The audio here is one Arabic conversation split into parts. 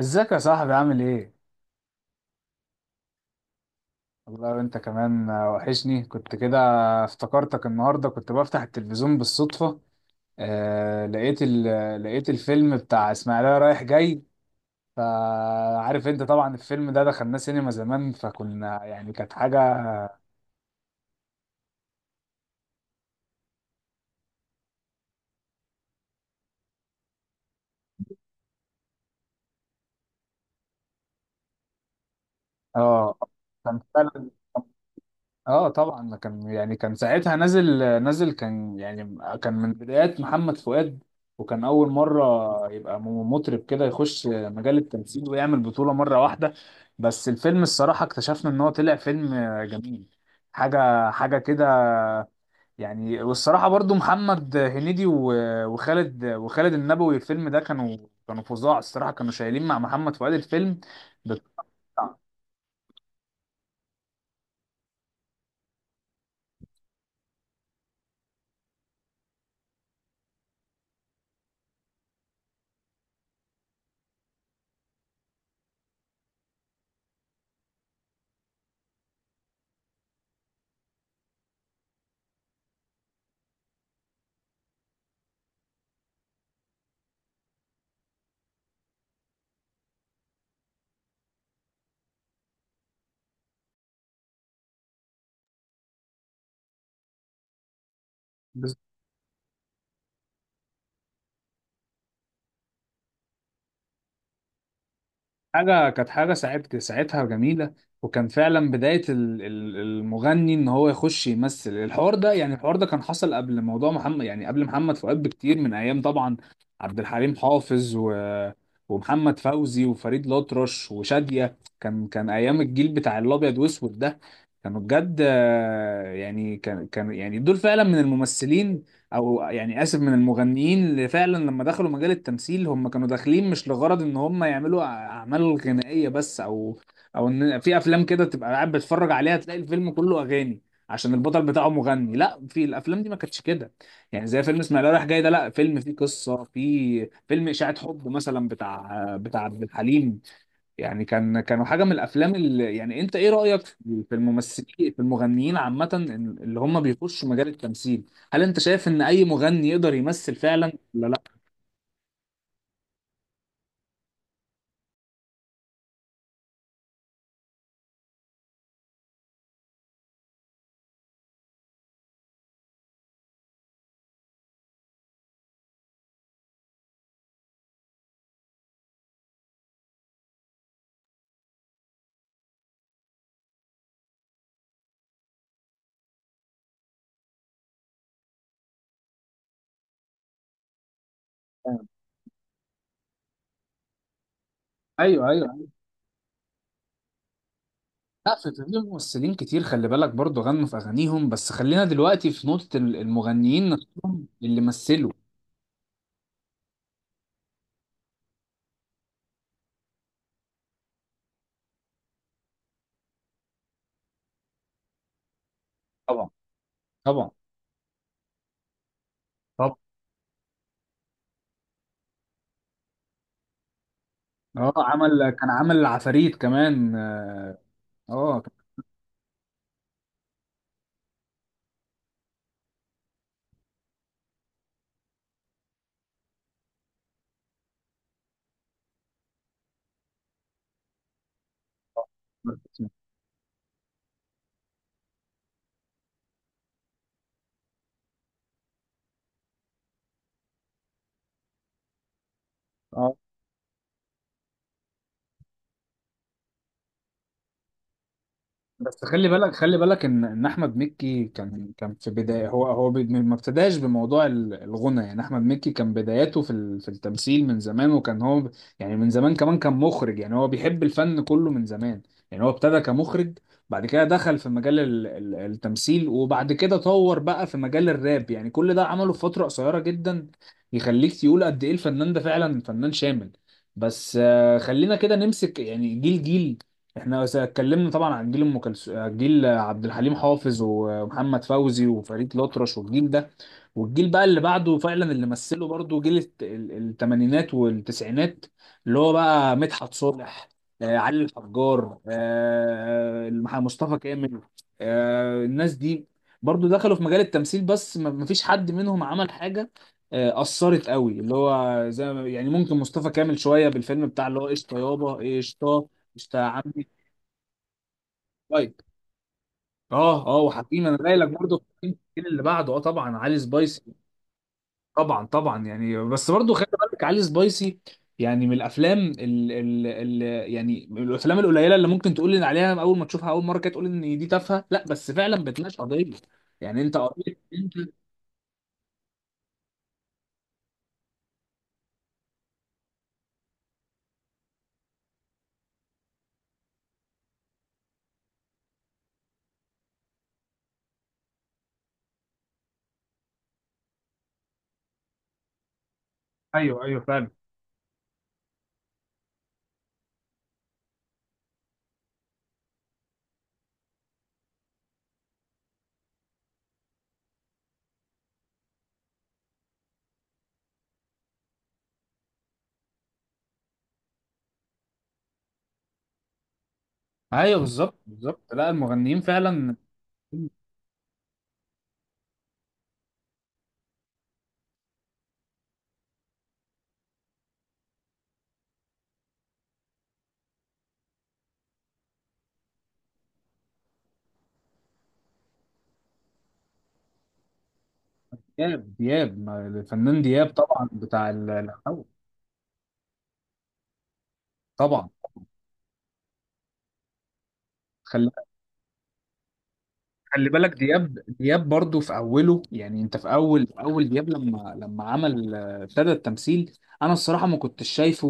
ازيك يا صاحبي عامل ايه؟ والله انت كمان وحشني كنت كده. افتكرتك النهارده كنت بفتح التلفزيون بالصدفة. آه لقيت ال... لقيت الفيلم بتاع اسماعيلية رايح جاي. فعارف انت طبعا الفيلم ده دخلناه سينما زمان، فكنا يعني كانت حاجة. اه كان فعلا. اه طبعا ده كان يعني كان ساعتها نازل، نازل يعني كان من بدايات محمد فؤاد، وكان اول مره يبقى مطرب كده يخش مجال التمثيل ويعمل بطوله مره واحده. بس الفيلم الصراحه اكتشفنا ان هو طلع فيلم جميل. حاجه كده، يعني والصراحه برضو محمد هنيدي وخالد وخالد النبوي الفيلم ده كانوا، كانوا فظاع الصراحه، كانوا شايلين مع محمد فؤاد الفيلم بالقطعة. كانت حاجة ساعتها جميلة. وكان فعلا بداية المغني ان هو يخش يمثل. الحوار ده يعني الحوار ده كان حصل قبل موضوع محمد، يعني قبل محمد فؤاد بكتير، من ايام طبعا عبد الحليم حافظ ومحمد فوزي وفريد الأطرش وشادية، كان ايام الجيل بتاع الابيض واسود ده. كانوا بجد يعني كان يعني دول فعلا من الممثلين، او يعني اسف، من المغنيين اللي فعلا لما دخلوا مجال التمثيل هم كانوا داخلين مش لغرض ان هم يعملوا اعمال غنائيه بس، او او ان في افلام كده تبقى قاعد بتتفرج عليها تلاقي الفيلم كله اغاني عشان البطل بتاعه مغني. لا، في الافلام دي ما كانتش كده. يعني زي فيلم اسماعيليه رايح جاي ده، لا فيلم فيه قصه، فيه فيلم اشاعه حب مثلا بتاع بتاع عبد الحليم. يعني كان كانوا حاجه من الافلام اللي يعني. انت ايه رايك في في الممثلين في المغنيين عامه، اللي هم بيخشوا مجال التمثيل؟ هل انت شايف ان اي مغني يقدر يمثل فعلا ولا لا؟ ايوه، ايوه. لا، في في ممثلين كتير خلي بالك برضو غنوا في اغانيهم، بس خلينا دلوقتي في نقطه المغنيين اللي مثلوا. طبعا. طبعا. طبعا. اه عمل، كان عمل العفاريت كمان. اه. آه، كان- اه بس خلي بالك، خلي بالك ان ان احمد مكي كان في بدايه، هو ما ابتداش بموضوع الغنى. يعني احمد مكي كان بداياته في في التمثيل من زمان، وكان هو يعني من زمان كمان كان مخرج. يعني هو بيحب الفن كله من زمان. يعني هو ابتدى كمخرج، بعد كده دخل في مجال التمثيل، وبعد كده طور بقى في مجال الراب. يعني كل ده عمله في فتره قصيره جدا يخليك تقول قد ايه الفنان ده فعلا فنان شامل. بس خلينا كده نمسك يعني جيل جيل. احنا اتكلمنا طبعا عن جيل ام كلثوم، جيل عبد الحليم حافظ ومحمد فوزي وفريد الأطرش والجيل ده، والجيل بقى اللي بعده فعلا اللي مثله برضه جيل التمانينات والتسعينات، اللي هو بقى مدحت صالح، علي الحجار، مصطفى كامل، الناس دي برضه دخلوا في مجال التمثيل، بس ما ما فيش حد منهم عمل حاجة أثرت قوي، اللي هو زي يعني ممكن مصطفى كامل شوية بالفيلم بتاع اللي هو قشطة يابا إيه، قشطة، قشطة يا عم. لايك. اه اه، وحكيم انا جاي لك برضه في الجيل اللي بعده. اه طبعا علي سبايسي. طبعا طبعا، يعني بس برضه خلي بالك علي سبايسي يعني من الافلام ال ال ال يعني من الافلام القليله اللي ممكن تقول لي عليها اول ما تشوفها اول مره كده تقول ان دي تافهه، لا بس فعلا بتناقش قضيه. يعني انت قضيه انت. ايوه ايوه فعلا. ايوه بالظبط بالظبط. لا، المغنيين فعلا. دياب، دياب، الفنان دياب طبعا بتاع الحو-. طبعا. خلي خلي بالك دياب، دياب برضو في اوله، يعني انت في اول، في اول دياب، لما عمل ابتدى التمثيل، انا الصراحه ما كنتش شايفه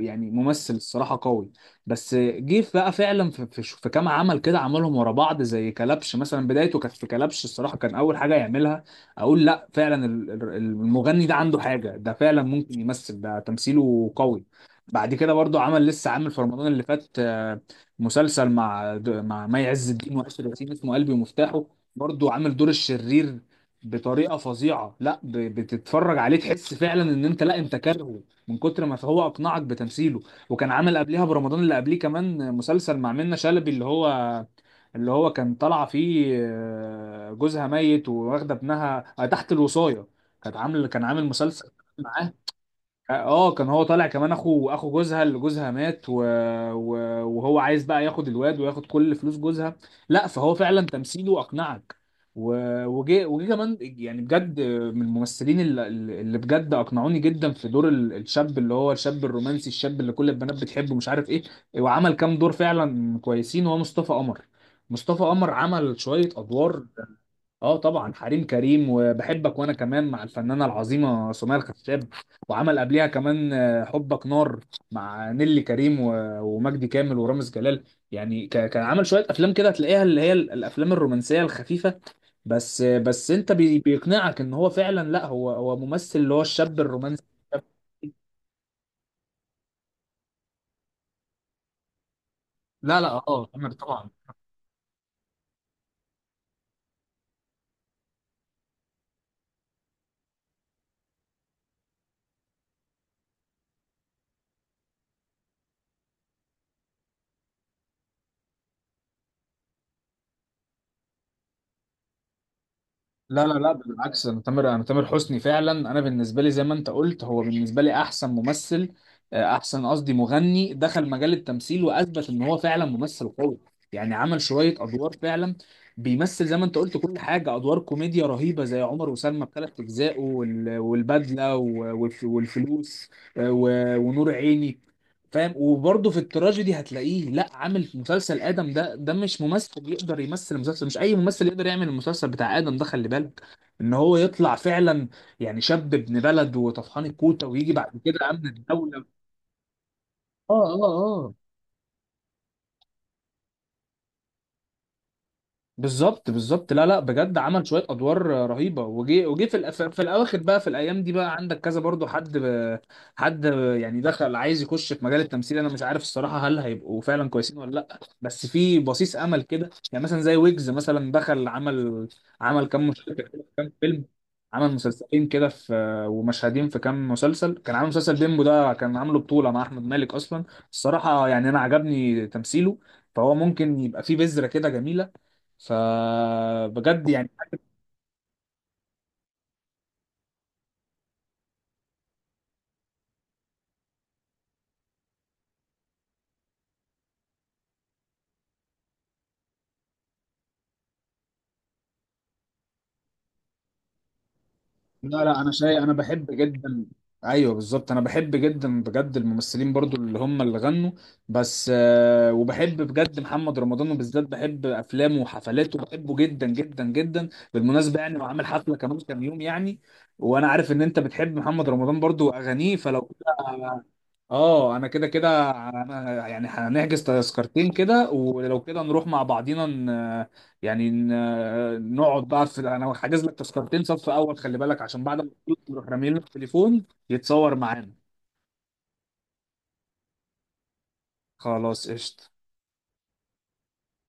يعني ممثل الصراحه قوي. بس جه بقى فعلا في كام عمل كده عملهم ورا بعض زي كلبش مثلا. بدايته كانت في كلبش الصراحه، كان اول حاجه يعملها، اقول لا فعلا المغني ده عنده حاجه، ده فعلا ممكن يمثل، ده تمثيله قوي. بعد كده برضو عمل، لسه عامل في رمضان اللي فات مسلسل مع مع مي عز الدين وآسر ياسين اسمه قلبي ومفتاحه، برضو عامل دور الشرير بطريقه فظيعه. لا بتتفرج عليه تحس فعلا ان انت لا انت كارهه من كتر ما هو اقنعك بتمثيله. وكان عامل قبلها برمضان اللي قبليه كمان مسلسل مع منة شلبي، اللي هو كان طالعه فيه جوزها ميت وواخده ابنها تحت الوصايه. كانت عامل، كان عامل مسلسل معاه. اه كان هو طالع كمان اخو، اخو جوزها، اللي جوزها مات و... وهو عايز بقى ياخد الواد وياخد كل فلوس جوزها. لا فهو فعلا تمثيله اقنعك. و... وجه، وجه كمان يعني بجد من الممثلين اللي بجد اقنعوني جدا في دور الشاب، اللي هو الشاب الرومانسي، الشاب اللي كل البنات بتحبه مش عارف ايه. وعمل كام دور فعلا كويسين هو مصطفى قمر. مصطفى قمر عمل شوية ادوار. اه طبعا حريم كريم وبحبك وانا كمان مع الفنانه العظيمه سمية الخشاب. وعمل قبليها كمان حبك نار مع نيلي كريم ومجدي كامل ورامز جلال. يعني كان عمل شويه افلام كده تلاقيها اللي هي الافلام الرومانسيه الخفيفه. بس بس انت بيقنعك ان هو فعلا لا، هو ممثل اللي هو الشاب الرومانسي. لا لا اه تامر طبعا. لا لا لا بالعكس، انا تامر حسني فعلا انا بالنسبه لي زي ما انت قلت هو بالنسبه لي احسن ممثل، آه، احسن قصدي مغني دخل مجال التمثيل واثبت ان هو فعلا ممثل قوي. يعني عمل شويه ادوار فعلا بيمثل زي ما انت قلت كل حاجه، ادوار كوميديا رهيبه زي عمر وسلمى بثلاث اجزاء والبدله والفلوس، ونور عيني، فاهم. وبرضه في التراجيدي هتلاقيه، لا عامل في مسلسل ادم ده، ده مش ممثل يقدر يمثل المسلسل، مش اي ممثل يقدر يعمل المسلسل بتاع ادم ده. خلي بالك ان هو يطلع فعلا يعني شاب ابن بلد وطفحان الكوته، ويجي بعد كده امن الدوله. اه اه اه. بالظبط بالظبط. لا لا بجد عمل شويه ادوار رهيبه. وجي وجي في في الاواخر بقى في الايام دي بقى عندك كذا برضو حد حد يعني دخل عايز يخش في مجال التمثيل، انا مش عارف الصراحه هل هيبقوا فعلا كويسين ولا لا، بس في بصيص امل كده. يعني مثلا زي ويجز مثلا، دخل عمل، عمل كام مشهد كده، كام فيلم. عمل مسلسلين كده في، ومشهدين في كام مسلسل. كان عامل مسلسل بيمبو ده كان عامله بطوله مع احمد مالك اصلا. الصراحه يعني انا عجبني تمثيله، فهو ممكن يبقى فيه بذره كده جميله. فبجد يعني. لا لا انا شايف، انا بحب جدا، ايوه بالظبط، انا بحب جدا بجد الممثلين برضو اللي هم اللي غنوا. بس وبحب بجد محمد رمضان، وبالذات بحب افلامه وحفلاته، بحبه جدا جدا جدا. بالمناسبه يعني وعامل حفله كمان كام يوم يعني، وانا عارف ان انت بتحب محمد رمضان برضو واغانيه، فلو كده اه انا كده كده، انا يعني هنحجز تذكرتين كده ولو كده نروح مع بعضينا نقعد بقى في، انا حاجز لك تذكرتين صف اول خلي بالك، عشان بعد ما تخلص تروح رامي له التليفون يتصور معانا. خلاص قشطة.